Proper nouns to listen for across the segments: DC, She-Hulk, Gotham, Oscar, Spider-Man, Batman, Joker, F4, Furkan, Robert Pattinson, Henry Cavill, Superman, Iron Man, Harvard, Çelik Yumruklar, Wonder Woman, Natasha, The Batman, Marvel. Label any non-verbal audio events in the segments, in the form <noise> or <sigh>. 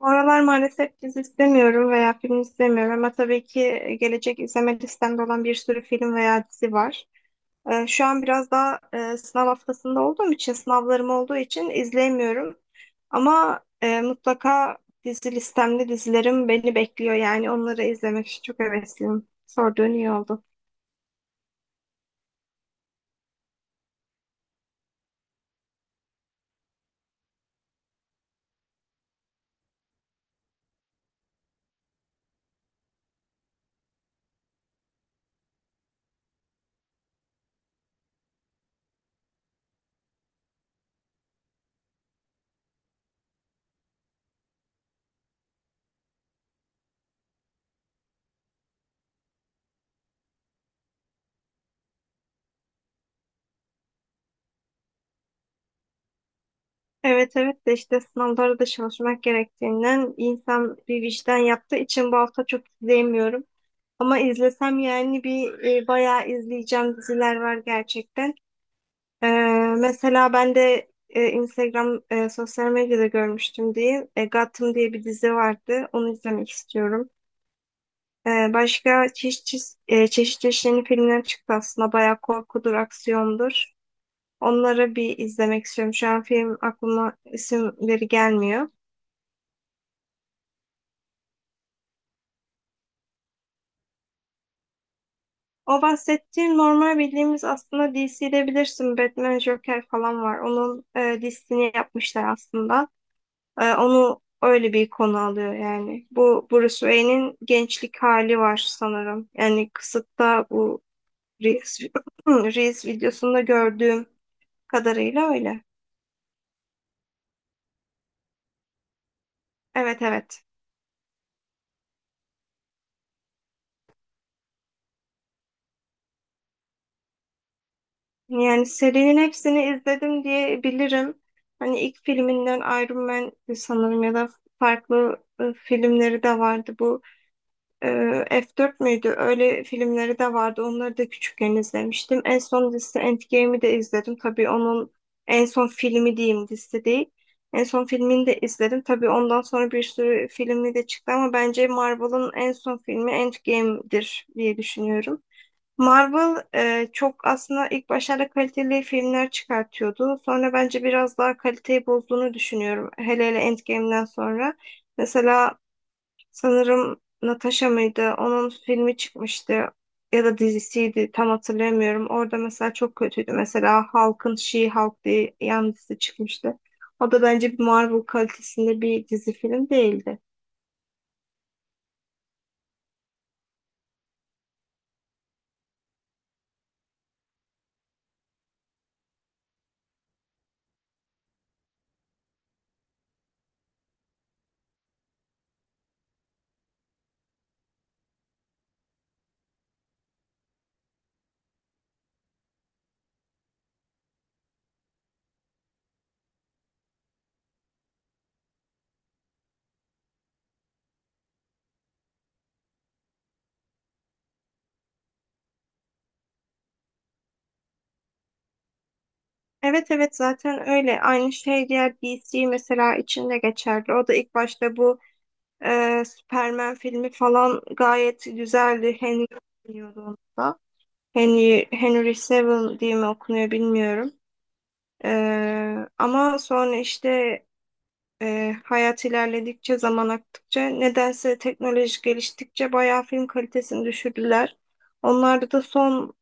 Bu aralar maalesef dizi istemiyorum veya film istemiyorum ama tabii ki gelecek izleme listemde olan bir sürü film veya dizi var. Şu an biraz daha sınav haftasında olduğum için, sınavlarım olduğu için izleyemiyorum. Ama mutlaka dizi listemde dizilerim beni bekliyor, yani onları izlemek için çok hevesliyim. Sorduğun iyi oldu. Evet, evet, de işte sınavlara da çalışmak gerektiğinden insan bir vicdan yaptığı için bu hafta çok izleyemiyorum. Ama izlesem yani bir bayağı izleyeceğim diziler var gerçekten. Ee, Mesela ben de Instagram sosyal medyada görmüştüm diye Gotham diye bir dizi vardı. Onu izlemek istiyorum. Başka çeşit çeşit yeni filmler çıktı aslında. Bayağı korkudur, aksiyondur. Onları bir izlemek istiyorum. Şu an film aklıma isimleri gelmiyor. O bahsettiğin normal bildiğimiz aslında DC'de bilirsin, Batman, Joker falan var. Onun dizisini yapmışlar aslında. Onu öyle bir konu alıyor yani. Bu Bruce Wayne'in gençlik hali var sanırım. Yani kısıtta bu Reels, <clears throat> Reels videosunda gördüğüm kadarıyla öyle. Evet, evet. Yani serinin hepsini izledim diye bilirim. Hani ilk filminden Iron Man sanırım ya da farklı filmleri de vardı. Bu Ee, F4 müydü? Öyle filmleri de vardı. Onları da küçükken izlemiştim. En son dizisi Endgame'i de izledim. Tabii onun en son filmi diyeyim, dizisi değil. En son filmini de izledim. Tabii ondan sonra bir sürü filmi de çıktı, ama bence Marvel'ın en son filmi Endgame'dir diye düşünüyorum. Marvel çok aslında ilk başlarda kaliteli filmler çıkartıyordu. Sonra bence biraz daha kaliteyi bozduğunu düşünüyorum. Hele hele Endgame'den sonra. Mesela sanırım Natasha mıydı? Onun filmi çıkmıştı ya da dizisiydi, tam hatırlamıyorum. Orada mesela çok kötüydü. Mesela Hulk'ın She-Hulk diye yan dizi çıkmıştı. O da bence bir Marvel kalitesinde bir dizi film değildi. Evet, evet, zaten öyle. Aynı şey diğer DC mesela içinde geçerli. O da ilk başta bu Superman filmi falan gayet güzeldi. Henry oynuyordu onda. Henry Cavill diye mi okunuyor bilmiyorum. Ama sonra işte hayat ilerledikçe, zaman aktıkça, nedense teknoloji geliştikçe bayağı film kalitesini düşürdüler. Onlarda da son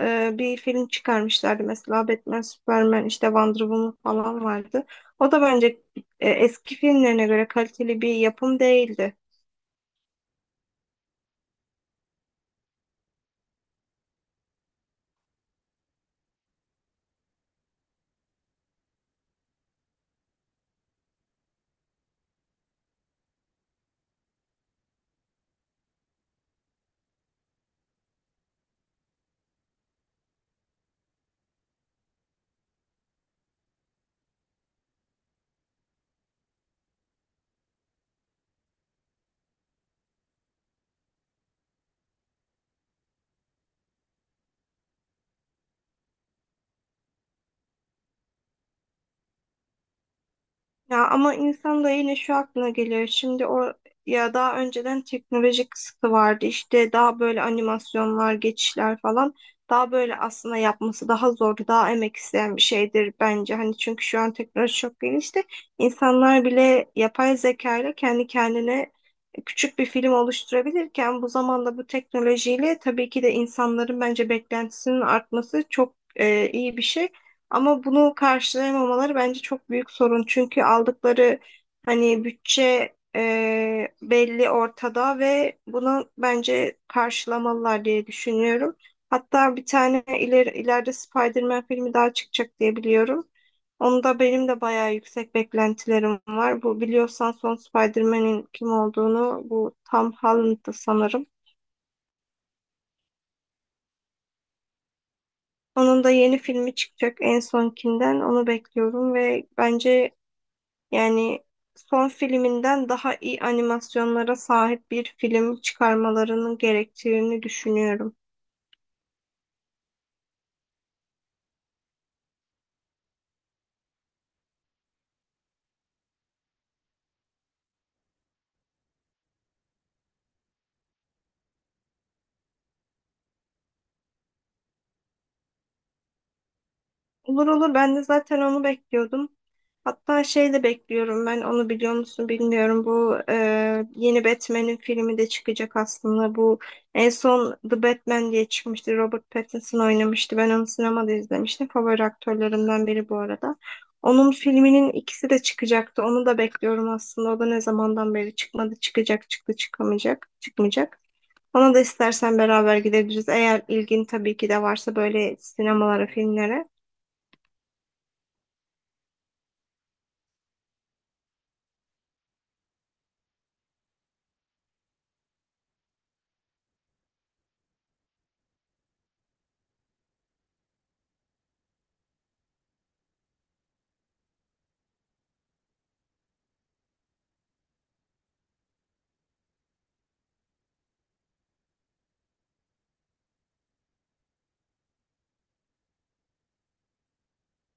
bir film çıkarmışlardı. Mesela Batman, Superman, işte Wonder Woman falan vardı. O da bence eski filmlerine göre kaliteli bir yapım değildi. Ya ama insan da yine şu aklına geliyor. Şimdi o ya, daha önceden teknolojik kısıtı vardı. İşte daha böyle animasyonlar, geçişler falan. Daha böyle aslında yapması daha zordu. Daha emek isteyen bir şeydir bence. Hani çünkü şu an teknoloji çok gelişti. İnsanlar bile yapay zeka ile kendi kendine küçük bir film oluşturabilirken, bu zamanda bu teknolojiyle tabii ki de insanların bence beklentisinin artması çok iyi bir şey. Ama bunu karşılayamamaları bence çok büyük sorun. Çünkü aldıkları hani bütçe belli ortada ve bunu bence karşılamalılar diye düşünüyorum. Hatta bir tane ileride Spider-Man filmi daha çıkacak diye biliyorum. Onda benim de bayağı yüksek beklentilerim var. Bu biliyorsan son Spider-Man'in kim olduğunu, bu Tom Holland'dı sanırım. Onun da yeni filmi çıkacak en sonkinden. Onu bekliyorum ve bence yani son filminden daha iyi animasyonlara sahip bir film çıkarmalarının gerektiğini düşünüyorum. Olur, olur, ben de zaten onu bekliyordum. Hatta şey de bekliyorum ben, onu biliyor musun bilmiyorum. Bu yeni Batman'in filmi de çıkacak aslında. Bu en son The Batman diye çıkmıştı. Robert Pattinson oynamıştı. Ben onu sinemada izlemiştim. Favori aktörlerimden biri bu arada. Onun filminin ikisi de çıkacaktı. Onu da bekliyorum aslında. O da ne zamandan beri çıkmadı. Çıkacak, çıktı, çıkamayacak, çıkmayacak. Ona da istersen beraber gidebiliriz. Eğer ilgin tabii ki de varsa böyle sinemalara, filmlere.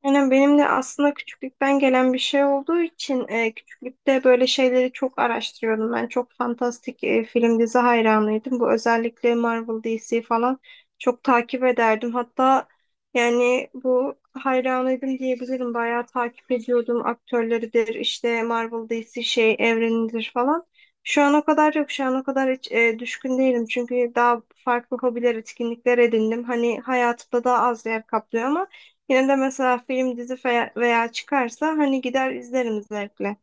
Yani benim de aslında küçüklükten gelen bir şey olduğu için küçüklükte böyle şeyleri çok araştırıyordum. Ben çok fantastik film dizi hayranıydım. Bu özellikle Marvel, DC falan çok takip ederdim. Hatta yani bu hayranıydım diyebilirim. Bayağı takip ediyordum, aktörleridir işte, Marvel, DC şey evrenidir falan. Şu an o kadar yok. Şu an o kadar hiç düşkün değilim. Çünkü daha farklı hobiler, etkinlikler edindim. Hani hayatımda daha az yer kaplıyor, ama yine de mesela film, dizi veya çıkarsa hani gider izlerim zevkle.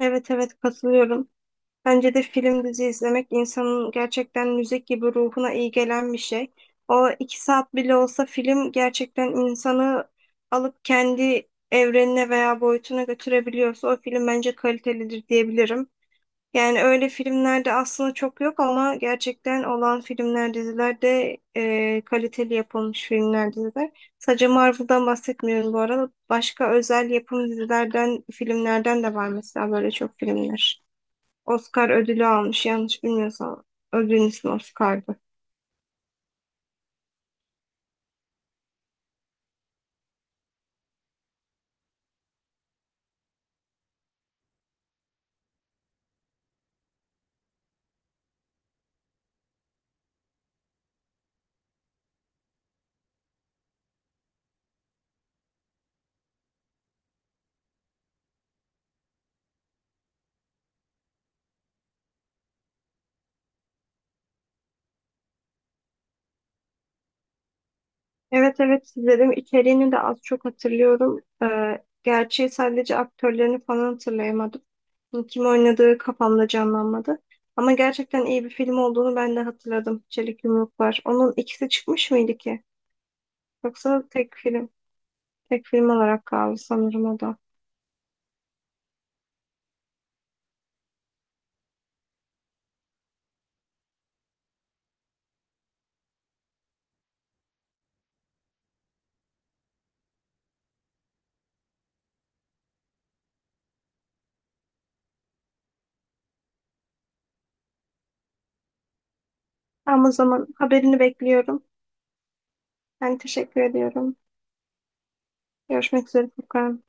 Evet, evet, katılıyorum. Bence de film, dizi izlemek insanın gerçekten müzik gibi ruhuna iyi gelen bir şey. O iki saat bile olsa film gerçekten insanı alıp kendi evrenine veya boyutuna götürebiliyorsa, o film bence kalitelidir diyebilirim. Yani öyle filmlerde aslında çok yok ama gerçekten olan filmler, diziler de kaliteli yapılmış filmler, diziler. Sadece Marvel'dan bahsetmiyorum bu arada. Başka özel yapım dizilerden, filmlerden de var mesela, böyle çok filmler. Oscar ödülü almış yanlış bilmiyorsam. Ödülün ismi Oscar'dı. Evet, evet, izledim. İçeriğini de az çok hatırlıyorum. Gerçi sadece aktörlerini falan hatırlayamadım. Kim oynadığı kafamda canlanmadı. Ama gerçekten iyi bir film olduğunu ben de hatırladım. Çelik Yumruklar. Onun ikisi çıkmış mıydı ki? Yoksa tek film olarak kaldı sanırım o da. Ama o zaman haberini bekliyorum. Ben teşekkür ediyorum. Görüşmek üzere Furkan.